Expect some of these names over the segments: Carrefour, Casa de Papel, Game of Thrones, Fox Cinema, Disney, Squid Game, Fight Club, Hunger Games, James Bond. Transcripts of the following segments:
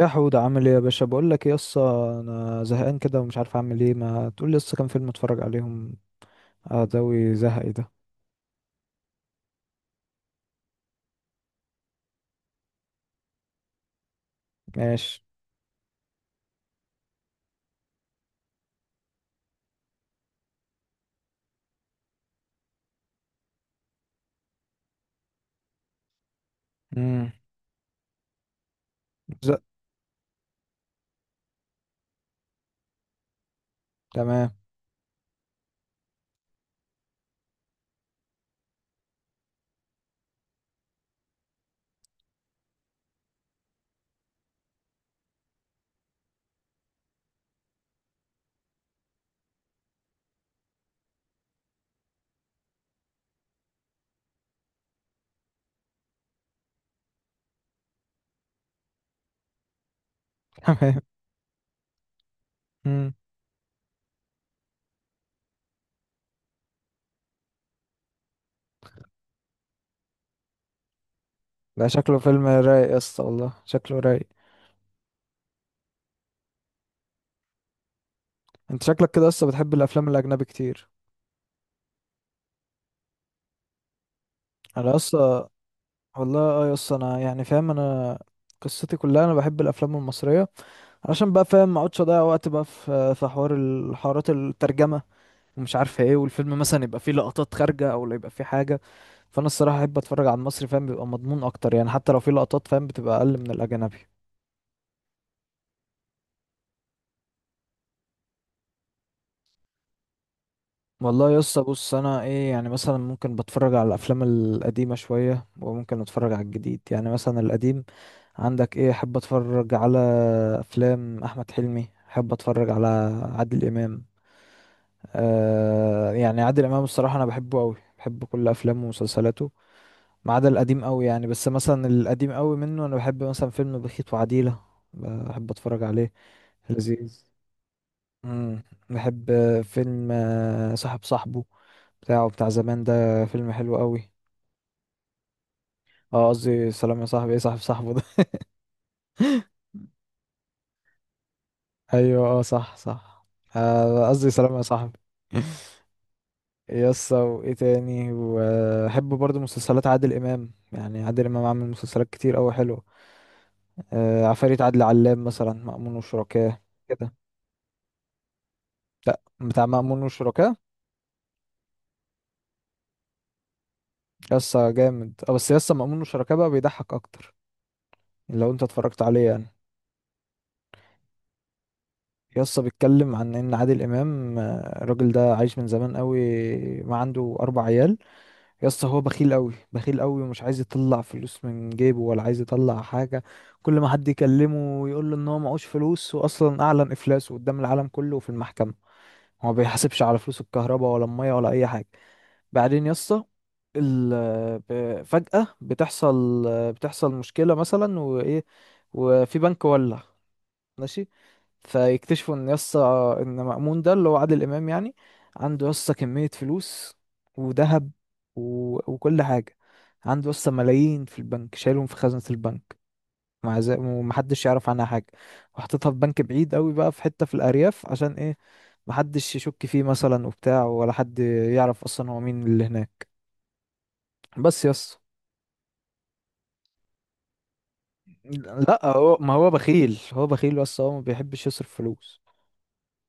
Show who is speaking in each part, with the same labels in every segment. Speaker 1: يا حود، عامل ايه يا باشا؟ بقول لك ايه يسا، انا زهقان كده ومش عارف اعمل ايه. ما تقول لي يسا كام فيلم اتفرج عليهم اداوي زهقي ده. ماشي. امم. ز... تمام. تمام. امم. ده شكله فيلم رايق يسا، والله شكله رايق. انت شكلك كده يسا بتحب الافلام الاجنبي كتير. انا يسا، والله اه يسا انا يعني فاهم، انا قصتي كلها انا بحب الافلام المصريه. علشان بقى فاهم ما اقعدش اضيع وقت بقى في حوار الحوارات الترجمه، ومش عارف ايه، والفيلم مثلا يبقى فيه لقطات خارجه او لا يبقى فيه حاجه. فانا الصراحه احب اتفرج على المصري، فاهم بيبقى مضمون اكتر يعني، حتى لو في لقطات فاهم بتبقى اقل من الاجنبي. والله يا اسطى بص، انا ايه يعني، مثلا ممكن بتفرج على الافلام القديمه شويه وممكن اتفرج على الجديد. يعني مثلا القديم عندك ايه، احب اتفرج على افلام احمد حلمي، احب اتفرج على عادل امام. آه يعني عادل امام الصراحه انا بحبه قوي، بحب كل افلامه ومسلسلاته. ما عدا القديم قوي يعني، بس مثلا القديم قوي منه انا بحب مثلا فيلم بخيت وعديله، بحب اتفرج عليه. لذيذ. مم. بحب فيلم صاحب صاحبه بتاعه، بتاع زمان، ده فيلم حلو قوي. اه قصدي سلام يا صاحبي، ايه صاحب صاحبه ده؟ ايوه، اه، صح صح. قصدي سلام يا صاحبي. يس، وايه تاني؟ وبحب برضو مسلسلات عادل امام. يعني عادل امام عامل مسلسلات كتير قوي حلوه. عفاريت عادل علام مثلا، مأمون وشركاه. كده؟ لا، بتاع مأمون وشركاه. يس جامد اه، بس يس مأمون وشركاه بقى بيضحك اكتر، لو انت اتفرجت عليه يعني. يسطا بيتكلم عن ان عادل امام، الراجل ده عايش من زمان قوي، ما عنده اربع عيال. يسطا هو بخيل قوي بخيل قوي، ومش عايز يطلع فلوس من جيبه ولا عايز يطلع حاجه. كل ما حد يكلمه يقول له ان هو معهوش فلوس، واصلا اعلن افلاسه قدام العالم كله وفي المحكمه. هو ما بيحاسبش على فلوس الكهرباء ولا الميه ولا اي حاجه. بعدين يسطا، ال فجأة بتحصل مشكلة مثلا وإيه، وفي بنك ولع. ماشي. فيكتشفوا ان يسطا، ان مأمون ده اللي هو عادل امام يعني، عنده يسطا كمية فلوس وذهب و... وكل حاجة. عنده يسطا ملايين في البنك، شايلهم في خزنة البنك مع ذلك ومحدش يعرف عنها حاجة. وحطيتها في بنك بعيد قوي بقى، في حتة في الأرياف، عشان ايه؟ محدش يشك فيه مثلا وبتاع، ولا حد يعرف اصلا هو مين اللي هناك. بس يس. لا هو ما هو بخيل، هو بخيل بس هو ما بيحبش يصرف فلوس.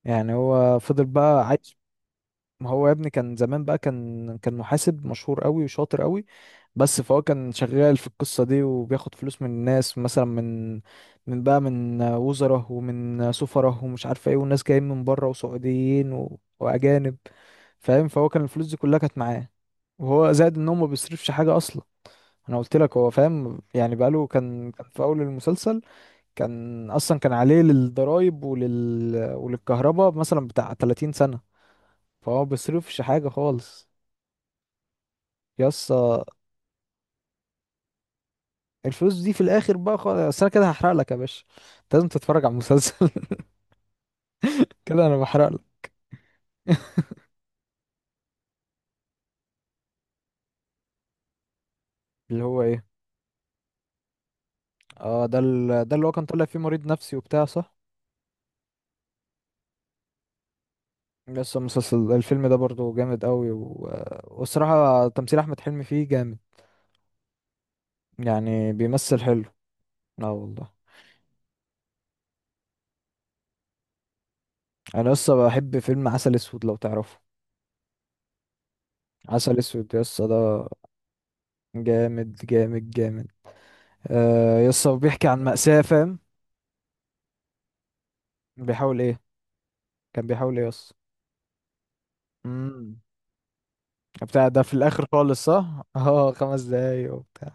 Speaker 1: يعني هو فضل بقى عايش. ما هو يا ابني كان زمان بقى، كان محاسب مشهور قوي وشاطر قوي. بس فهو كان شغال في القصة دي، وبياخد فلوس من الناس، مثلا من بقى من وزراء ومن سفراء ومش عارف ايه، والناس جايين من بره وسعوديين واجانب. فاهم، فهو كان الفلوس دي كلها كانت معاه. وهو زائد ان هو ما بيصرفش حاجة اصلا. انا قلت لك، هو فاهم يعني، بقاله كان في اول المسلسل كان اصلا كان عليه للضرايب وللكهرباء مثلا بتاع 30 سنة. فهو ما بيصرفش حاجة خالص. يس، الفلوس دي في الاخر بقى خالص، أصل انا كده هحرق لك يا باشا. أنت لازم تتفرج على المسلسل. كده انا بحرق لك. اللي هو ايه؟ اه، ده اللي هو كان طالع فيه مريض نفسي وبتاع، صح. يس، المسلسل، الفيلم ده برضو جامد قوي والصراحة تمثيل احمد حلمي فيه جامد، يعني بيمثل حلو. اه والله. انا لسه بحب فيلم عسل اسود، لو تعرفه. عسل اسود يس ده. جامد جامد جامد. آه يس، هو بيحكي عن مأساة فاهم. بيحاول ايه؟ كان بيحاول ايه؟ يس بتاع، ده في الاخر خالص، صح. اه 5 دقايق وبتاع.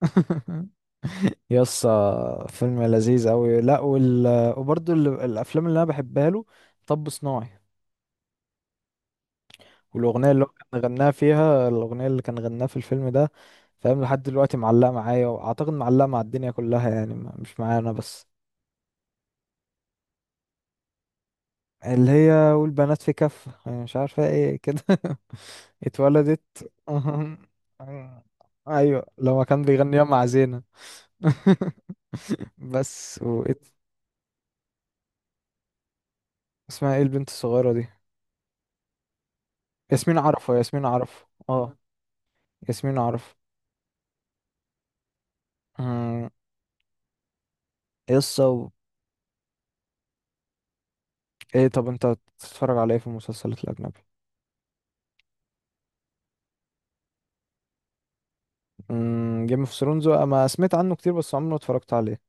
Speaker 1: يس فيلم لذيذ قوي. لا وبرضه الافلام اللي انا بحبها له، طب صناعي، والاغنيه اللي هو كان غناها فيها، الاغنيه اللي كان غناها في الفيلم ده، فاهم لحد دلوقتي معلقه معايا، واعتقد معلقه مع الدنيا كلها يعني، مش معايا انا بس. اللي هي والبنات في كف، أنا مش عارفه ايه كده. اتولدت. ايوه لما كان بيغنيها مع زينة. بس اسمها ايه البنت الصغيرة دي؟ ياسمين عرفة، ياسمين عرفة اه. ياسمين عرفة. أمم. يسا ايه؟ طب انت بتتفرج على ايه في المسلسلات الأجنبي؟ جيم اوف ثرونز ما سمعت عنه كتير، بس عمري ما اتفرجت عليه.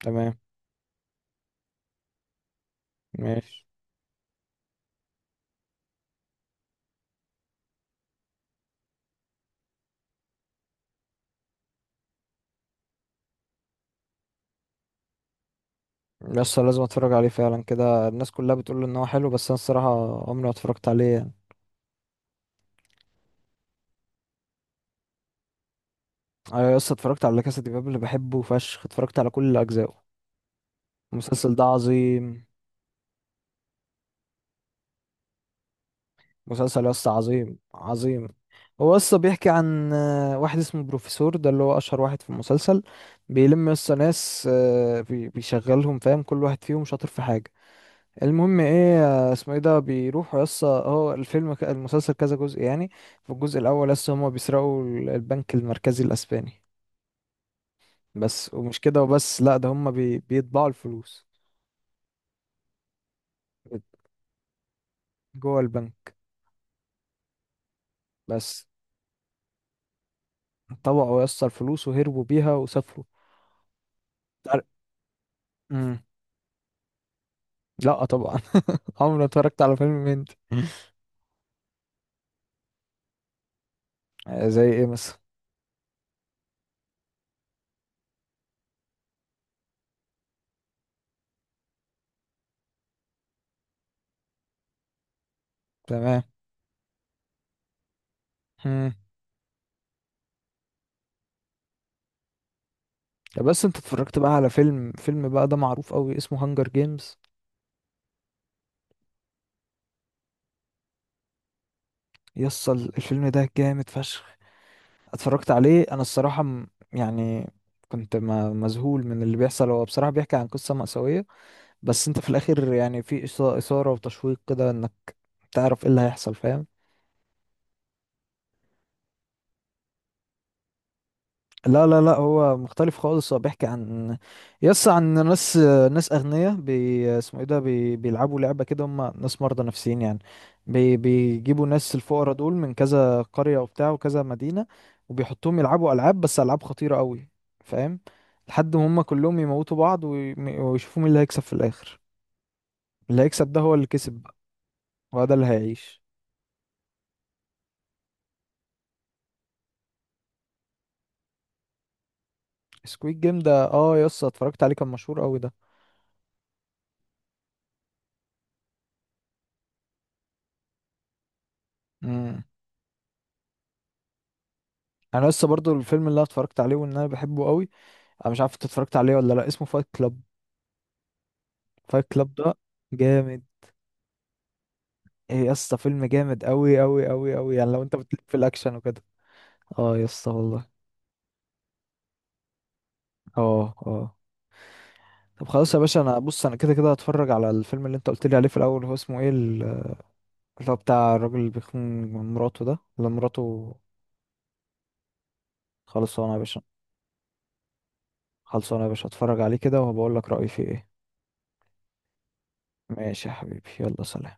Speaker 1: تمام. ماشي. يسا لازم اتفرج عليه فعلا. كده الناس كلها بتقول ان هو حلو، بس انا الصراحة عمري ما اتفرجت عليه يعني. انا يسا اتفرجت على كاسا دي بابل، اللي بحبه فشخ، اتفرجت على كل اجزائه. المسلسل ده عظيم. مسلسل يس عظيم عظيم. هو يس بيحكي عن واحد اسمه بروفيسور، ده اللي هو اشهر واحد في المسلسل. بيلم يس ناس، بيشغلهم، فاهم كل واحد فيهم شاطر في حاجة. المهم ايه، اسمه ايه ده، بيروحوا يس، هو الفيلم المسلسل كذا جزء يعني. في الجزء الاول يس هما بيسرقوا البنك المركزي الاسباني. بس ومش كده وبس، لا ده هما بيطبعوا الفلوس جوه البنك. بس طبعوا يس الفلوس وهربوا بيها وسافروا. تعر- مم. لا طبعا. عمري ما اتفرجت على فيلم هندي. زي ايه مثلا؟ تمام. مم. طب بس انت اتفرجت بقى على فيلم بقى ده معروف قوي اسمه هانجر جيمز. يصل، الفيلم ده جامد فشخ. اتفرجت عليه انا الصراحة، يعني كنت، مذهول من اللي بيحصل. هو بصراحة بيحكي عن قصة مأساوية، بس انت في الاخر يعني في إثارة وتشويق كده، انك تعرف ايه اللي هيحصل فاهم. لا لا لا، هو مختلف خالص. هو بيحكي عن، يس، عن ناس أغنياء، اسمه ايه ده، بيلعبوا لعبة كده، هم ناس مرضى نفسيين يعني. بيجيبوا ناس الفقراء دول من كذا قرية وبتاع وكذا مدينة. وبيحطوهم يلعبوا ألعاب، بس ألعاب خطيرة قوي، فاهم، لحد ما هم كلهم يموتوا بعض ويشوفوا مين اللي هيكسب في الآخر. اللي هيكسب ده هو اللي كسب بقى، وهو ده اللي هيعيش. سكويد جيم ده اه يس اتفرجت عليه، كان مشهور قوي ده. مم. انا لسه برضو، الفيلم اللي أنا اتفرجت عليه وان انا بحبه قوي، انا مش عارف انت اتفرجت عليه ولا لا، اسمه فايت كلاب. فايت كلاب ده جامد. ايه يا اسطى، فيلم جامد قوي قوي قوي قوي، يعني لو انت بتليك في الاكشن وكده. اه يا اسطى والله. اه. اه. طب خلاص يا باشا، انا بص انا كده كده هتفرج على الفيلم اللي انت قلت لي عليه في الاول، هو اسمه ايه اللي هو بتاع الراجل اللي بيخون مراته ده، اللي مراته؟ خلصانه يا باشا. خلصانه يا باشا، هتفرج عليه كده وهبقول لك رايي فيه ايه. ماشي يا حبيبي، يلا سلام.